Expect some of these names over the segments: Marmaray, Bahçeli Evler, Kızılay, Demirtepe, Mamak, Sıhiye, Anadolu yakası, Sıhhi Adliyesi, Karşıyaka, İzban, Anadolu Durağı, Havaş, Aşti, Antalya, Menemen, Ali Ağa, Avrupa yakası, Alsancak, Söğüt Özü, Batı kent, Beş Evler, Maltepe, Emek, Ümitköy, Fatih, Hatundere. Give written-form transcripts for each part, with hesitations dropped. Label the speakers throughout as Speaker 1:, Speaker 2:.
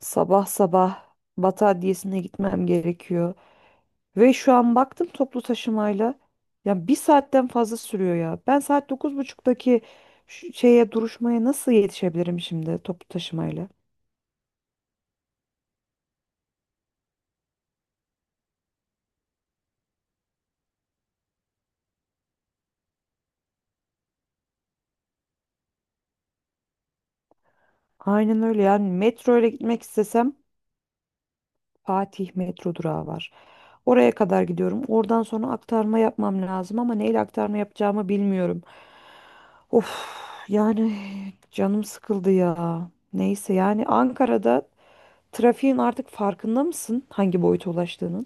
Speaker 1: Sabah sabah Batı Adliyesi'ne gitmem gerekiyor. Ve şu an baktım toplu taşımayla. Ya bir saatten fazla sürüyor ya. Ben saat 9.30'daki şu şeye duruşmaya nasıl yetişebilirim şimdi toplu taşımayla? Aynen öyle, yani metro ile gitmek istesem Fatih metro durağı var. Oraya kadar gidiyorum. Oradan sonra aktarma yapmam lazım, ama neyle aktarma yapacağımı bilmiyorum. Of, yani canım sıkıldı ya. Neyse, yani Ankara'da trafiğin artık farkında mısın, hangi boyuta ulaştığının?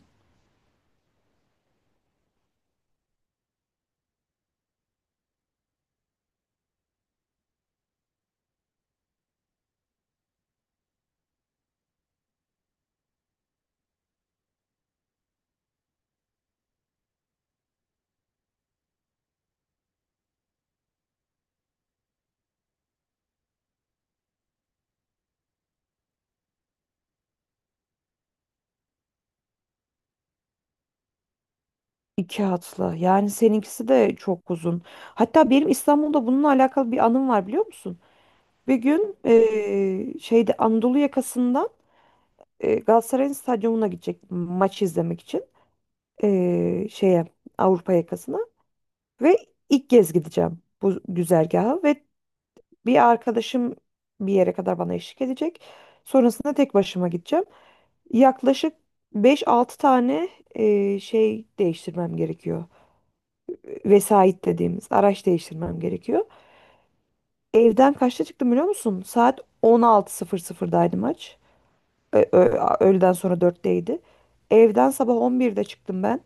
Speaker 1: İki hatlı. Yani seninkisi de çok uzun. Hatta benim İstanbul'da bununla alakalı bir anım var, biliyor musun? Bir gün şeyde Anadolu yakasından Galatasaray'ın stadyumuna gidecek maç izlemek için şeye Avrupa yakasına ve ilk kez gideceğim bu güzergaha. Ve bir arkadaşım bir yere kadar bana eşlik edecek. Sonrasında tek başıma gideceğim. Yaklaşık beş altı tane değiştirmem gerekiyor. Vesait dediğimiz araç değiştirmem gerekiyor. Evden kaçta çıktım biliyor musun? Saat 16.00'daydı maç. Öğleden sonra dörtteydi. Evden sabah 11'de çıktım ben.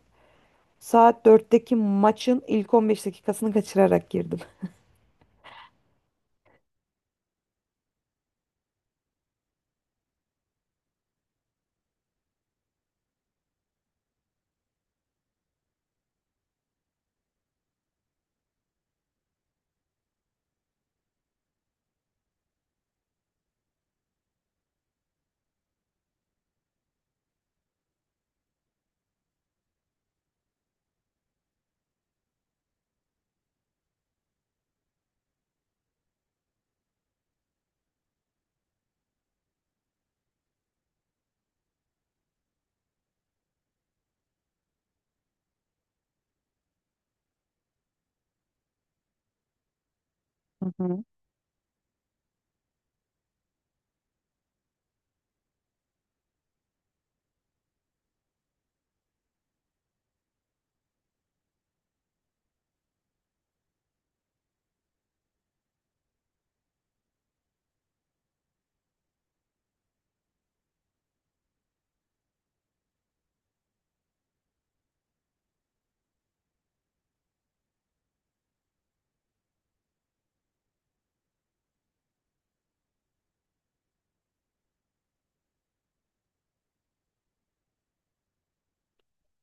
Speaker 1: Saat dörtteki maçın ilk 15 dakikasını kaçırarak girdim.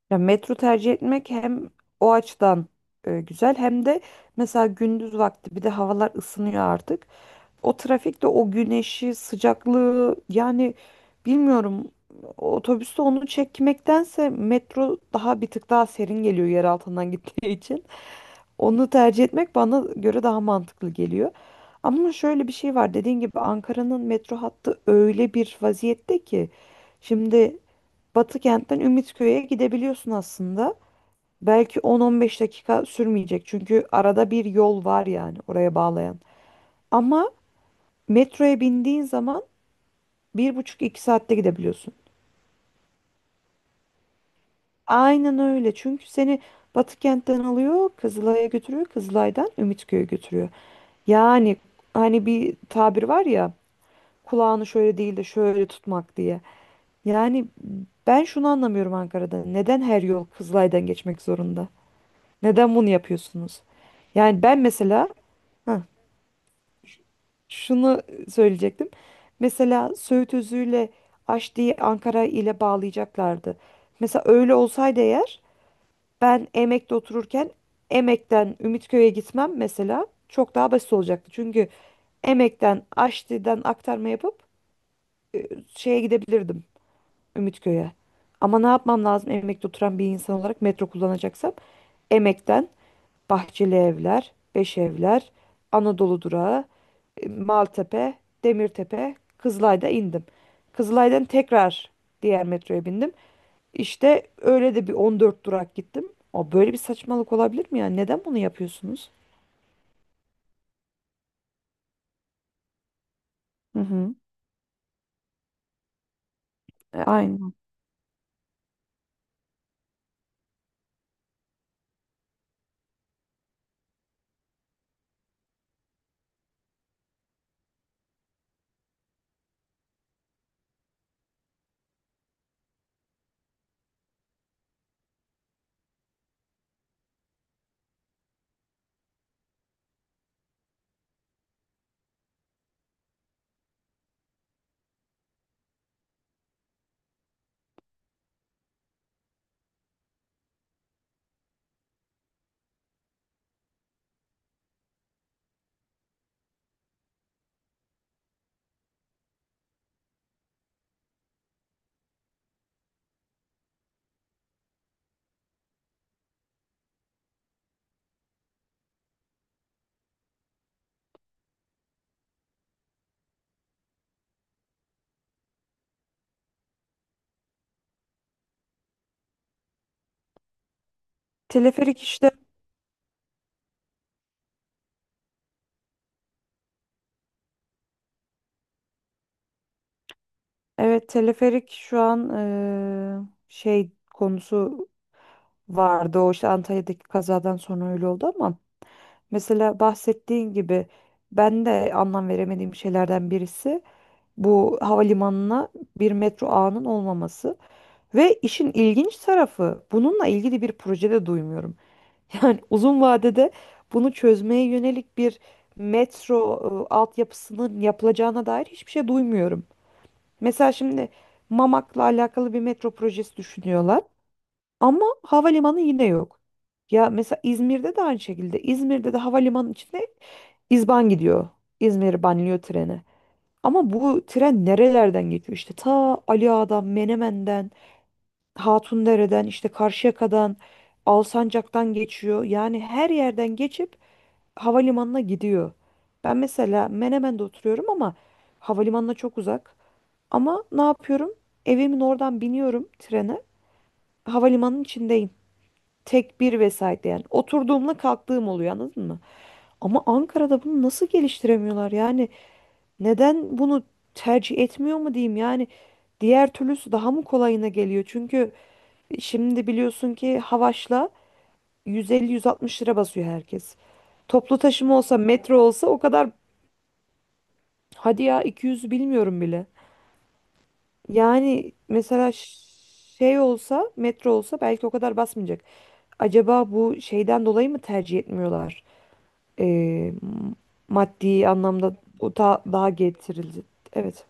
Speaker 1: Ya, metro tercih etmek hem o açıdan güzel, hem de mesela gündüz vakti bir de havalar ısınıyor artık. O trafikte o güneşi, sıcaklığı, yani bilmiyorum, otobüste onu çekmektense metro daha bir tık daha serin geliyor yer altından gittiği için. Onu tercih etmek bana göre daha mantıklı geliyor. Ama şöyle bir şey var. Dediğin gibi Ankara'nın metro hattı öyle bir vaziyette ki şimdi Batı kentten Ümitköy'e gidebiliyorsun aslında. Belki 10-15 dakika sürmeyecek. Çünkü arada bir yol var yani oraya bağlayan. Ama metroya bindiğin zaman bir buçuk iki saatte gidebiliyorsun. Aynen öyle. Çünkü seni Batı kentten alıyor, Kızılay'a götürüyor, Kızılay'dan Ümitköy'e götürüyor. Yani hani bir tabir var ya, kulağını şöyle değil de şöyle tutmak diye. Yani ben şunu anlamıyorum Ankara'da. Neden her yol Kızılay'dan geçmek zorunda? Neden bunu yapıyorsunuz? Yani ben mesela, heh, şunu söyleyecektim. Mesela Söğüt Özü'yle Aşti'yi Ankara ile bağlayacaklardı. Mesela öyle olsaydı eğer, ben Emek'te otururken Emek'ten Ümitköy'e gitmem mesela çok daha basit olacaktı. Çünkü Emek'ten Aşti'den aktarma yapıp e, şeye gidebilirdim. Ümitköy'e. Ama ne yapmam lazım emekte oturan bir insan olarak metro kullanacaksam? Emekten Bahçeli Evler, Beş Evler, Anadolu Durağı, Maltepe, Demirtepe, Kızılay'da indim. Kızılay'dan tekrar diğer metroya bindim. İşte öyle de bir 14 durak gittim. O böyle bir saçmalık olabilir mi ya? Neden bunu yapıyorsunuz? Hı hı. Aynen. Teleferik işte. Evet, teleferik şu an şey konusu vardı. O işte Antalya'daki kazadan sonra öyle oldu ama mesela bahsettiğin gibi ben de anlam veremediğim şeylerden birisi bu havalimanına bir metro ağının olmaması. Ve işin ilginç tarafı, bununla ilgili bir projede duymuyorum. Yani uzun vadede bunu çözmeye yönelik bir metro altyapısının yapılacağına dair hiçbir şey duymuyorum. Mesela şimdi Mamak'la alakalı bir metro projesi düşünüyorlar. Ama havalimanı yine yok. Ya mesela İzmir'de de aynı şekilde. İzmir'de de havalimanı içinde İzban gidiyor. İzmir banliyö treni. Ama bu tren nerelerden geçiyor? İşte ta Ali Ağa'dan, Menemen'den, Hatundere'den, işte Karşıyaka'dan, Alsancak'tan geçiyor. Yani her yerden geçip havalimanına gidiyor. Ben mesela Menemen'de oturuyorum ama havalimanına çok uzak. Ama ne yapıyorum? Evimin oradan biniyorum trene. Havalimanının içindeyim tekbir vesaire, yani oturduğumla kalktığım oluyor, anladın mı? Ama Ankara'da bunu nasıl geliştiremiyorlar yani, neden bunu tercih etmiyor mu diyeyim, yani diğer türlüsü daha mı kolayına geliyor? Çünkü şimdi biliyorsun ki Havaş'la 150-160 lira basıyor herkes. Toplu taşıma olsa, metro olsa o kadar... Hadi ya, 200 bilmiyorum bile. Yani mesela şey olsa, metro olsa belki o kadar basmayacak. Acaba bu şeyden dolayı mı tercih etmiyorlar? e, Maddi anlamda o da daha getirildi. Evet,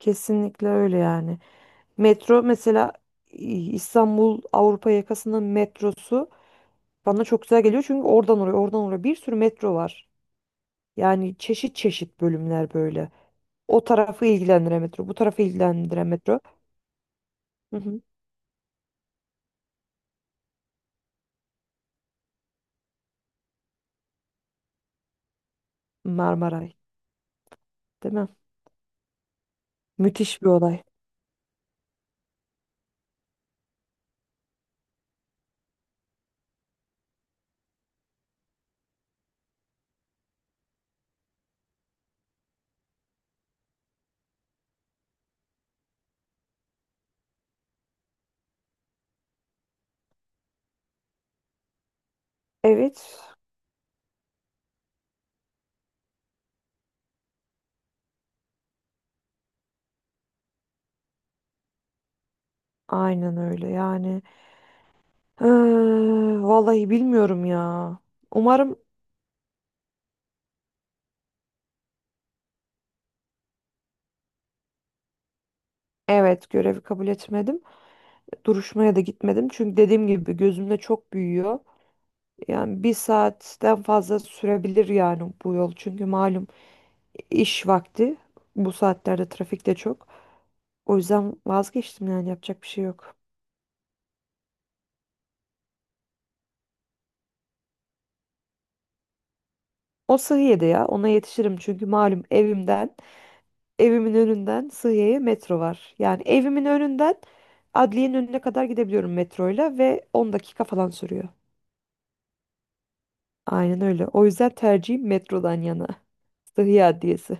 Speaker 1: kesinlikle öyle yani. Metro mesela İstanbul Avrupa yakasının metrosu bana çok güzel geliyor çünkü oradan oraya, oradan oraya bir sürü metro var. Yani çeşit çeşit bölümler böyle. O tarafı ilgilendiren metro, bu tarafı ilgilendiren metro. Hı hı. Marmaray, değil mi? Müthiş bir olay. Evet, aynen öyle yani. Eee, Vallahi bilmiyorum ya. Umarım. Evet, görevi kabul etmedim. Duruşmaya da gitmedim. Çünkü dediğim gibi gözümde çok büyüyor. Yani bir saatten fazla sürebilir yani bu yol. Çünkü malum iş vakti. Bu saatlerde trafik de çok. O yüzden vazgeçtim, yani yapacak bir şey yok. O Sıhiye'de ya, ona yetişirim çünkü malum evimden, evimin önünden Sıhiye'ye metro var. Yani evimin önünden adliyenin önüne kadar gidebiliyorum metroyla ve 10 dakika falan sürüyor. Aynen öyle. O yüzden tercihim metrodan yana. Sıhhi Adliyesi.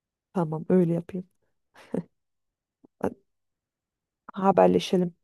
Speaker 1: Tamam, öyle yapayım. Hadi, haberleşelim.